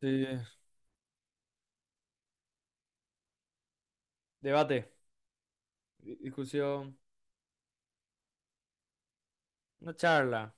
Sí, debate, discusión, una charla.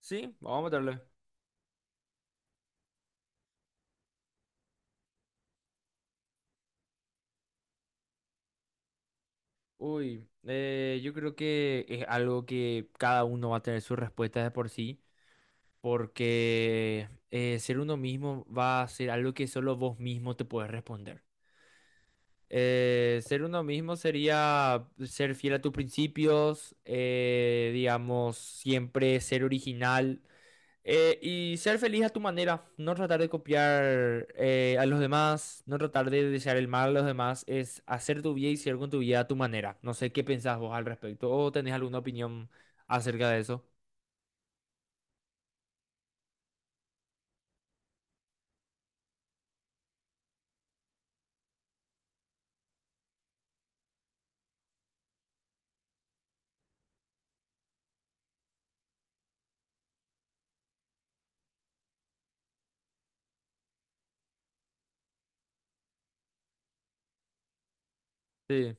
Sí, vamos a meterle. Uy, yo creo que es algo que cada uno va a tener sus respuestas de por sí, porque ser uno mismo va a ser algo que solo vos mismo te puedes responder. Ser uno mismo sería ser fiel a tus principios, digamos, siempre ser original. Y ser feliz a tu manera, no tratar de copiar a los demás, no tratar de desear el mal a los demás, es hacer tu vida y ser con tu vida a tu manera. No sé qué pensás vos al respecto o tenés alguna opinión acerca de eso. Sí,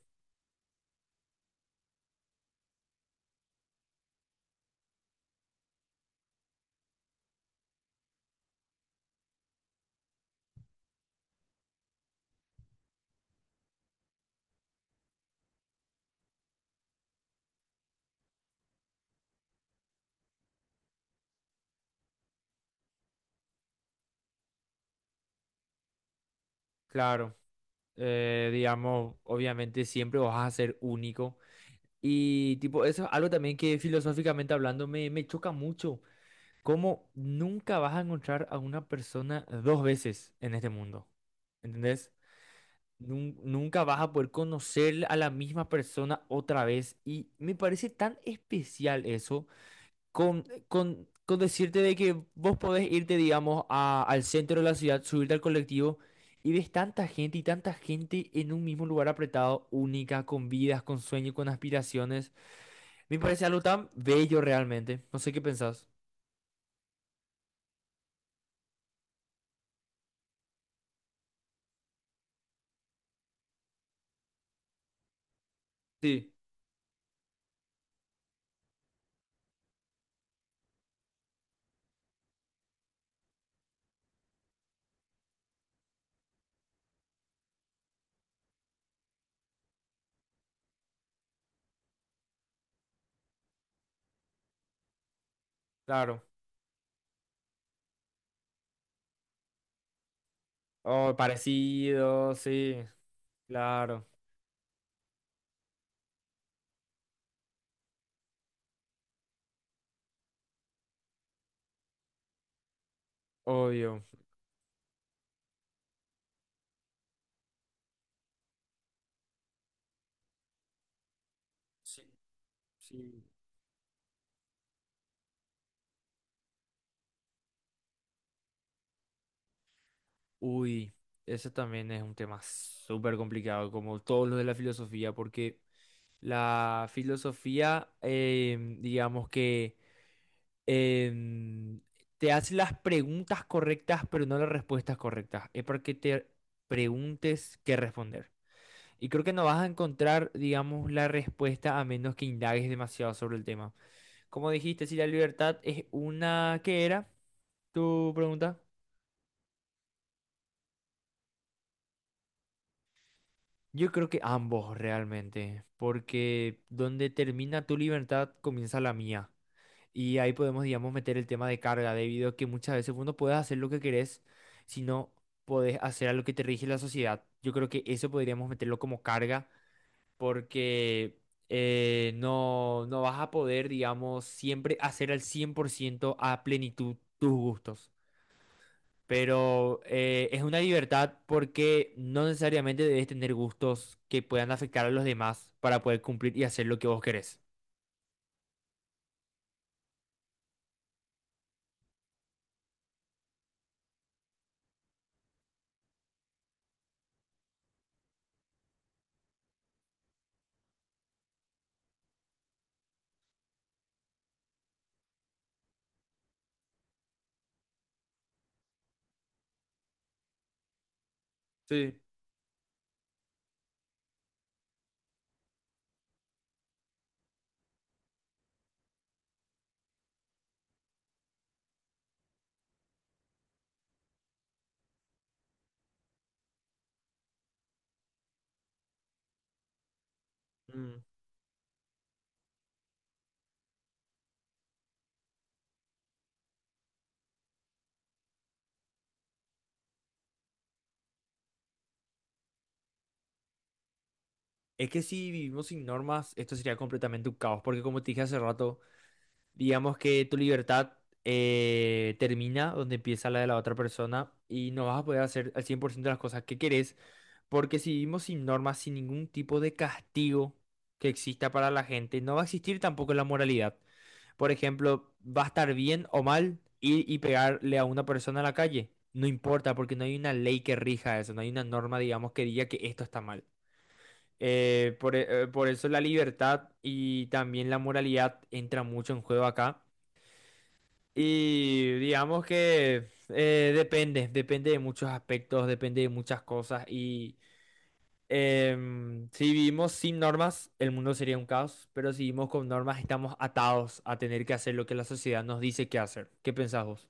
claro. Digamos, obviamente siempre vas a ser único. Y tipo, eso es algo también que filosóficamente hablando me choca mucho. Cómo nunca vas a encontrar a una persona dos veces en este mundo. ¿Entendés? Nunca vas a poder conocer a la misma persona otra vez. Y me parece tan especial eso con decirte de que vos podés irte, digamos, al centro de la ciudad, subirte al colectivo y ves tanta gente y tanta gente en un mismo lugar apretado, única, con vidas, con sueños, con aspiraciones. Me parece algo tan bello realmente. No sé qué pensás. Sí, claro. Oh, parecido, sí, claro, obvio. Sí, sí. Uy, ese también es un tema súper complicado, como todos los de la filosofía, porque la filosofía, digamos que em, te hace las preguntas correctas, pero no las respuestas correctas. Es para que te preguntes qué responder. Y creo que no vas a encontrar, digamos, la respuesta a menos que indagues demasiado sobre el tema. Como dijiste, si la libertad es una, ¿qué era tu pregunta? Yo creo que ambos realmente, porque donde termina tu libertad comienza la mía. Y ahí podemos, digamos, meter el tema de carga, debido a que muchas veces vos no puedes hacer lo que querés, sino podés hacer a lo que te rige la sociedad. Yo creo que eso podríamos meterlo como carga, porque no vas a poder, digamos, siempre hacer al 100% a plenitud tus gustos. Pero es una libertad porque no necesariamente debes tener gustos que puedan afectar a los demás para poder cumplir y hacer lo que vos querés. Sí. Mm. Es que si vivimos sin normas, esto sería completamente un caos, porque como te dije hace rato, digamos que tu libertad termina donde empieza la de la otra persona y no vas a poder hacer al 100% las cosas que querés, porque si vivimos sin normas, sin ningún tipo de castigo que exista para la gente, no va a existir tampoco la moralidad. Por ejemplo, va a estar bien o mal ir y pegarle a una persona en la calle. No importa, porque no hay una ley que rija eso, no hay una norma, digamos, que diga que esto está mal. Por eso la libertad y también la moralidad entra mucho en juego acá. Y digamos que depende, depende de muchos aspectos, depende de muchas cosas. Y si vivimos sin normas, el mundo sería un caos, pero si vivimos con normas, estamos atados a tener que hacer lo que la sociedad nos dice que hacer. ¿Qué pensás vos?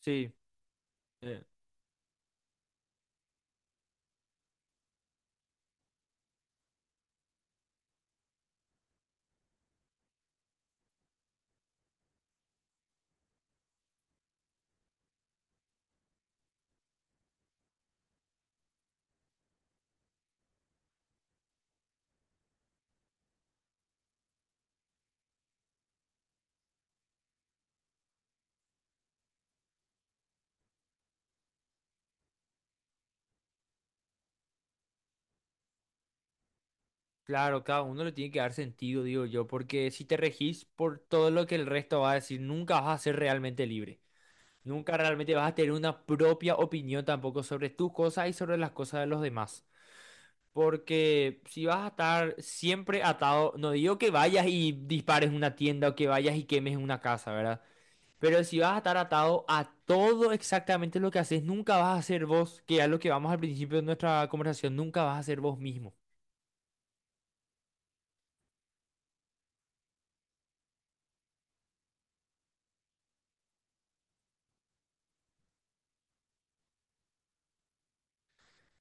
Sí, eh, claro, cada uno le tiene que dar sentido, digo yo, porque si te regís por todo lo que el resto va a decir, nunca vas a ser realmente libre. Nunca realmente vas a tener una propia opinión tampoco sobre tus cosas y sobre las cosas de los demás. Porque si vas a estar siempre atado, no digo que vayas y dispares una tienda o que vayas y quemes una casa, ¿verdad? Pero si vas a estar atado a todo exactamente lo que haces, nunca vas a ser vos, que es lo que vamos al principio de nuestra conversación, nunca vas a ser vos mismo.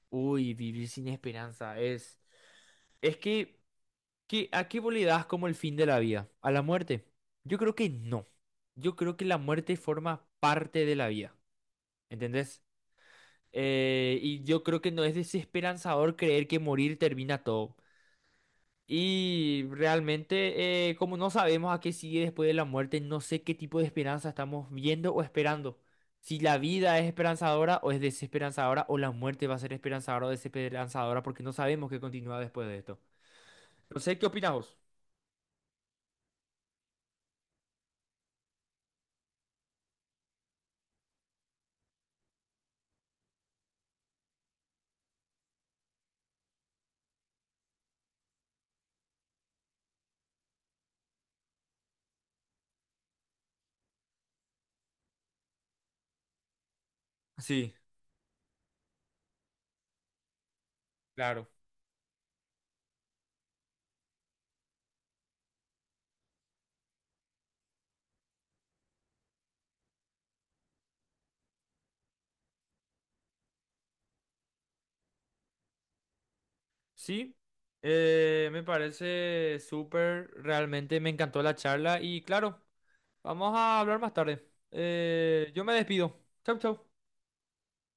Uy, vivir sin esperanza es... Es que, ¿a qué vos le das como el fin de la vida? ¿A la muerte? Yo creo que no. Yo creo que la muerte forma parte de la vida. ¿Entendés? Y yo creo que no es desesperanzador creer que morir termina todo. Y realmente, como no sabemos a qué sigue después de la muerte, no sé qué tipo de esperanza estamos viendo o esperando. Si la vida es esperanzadora o es desesperanzadora, o la muerte va a ser esperanzadora o desesperanzadora, porque no sabemos qué continúa después de esto. No sé, ¿qué opinas vos? Sí, claro, sí, me parece súper, realmente me encantó la charla y claro, vamos a hablar más tarde. Yo me despido. Chau, chau.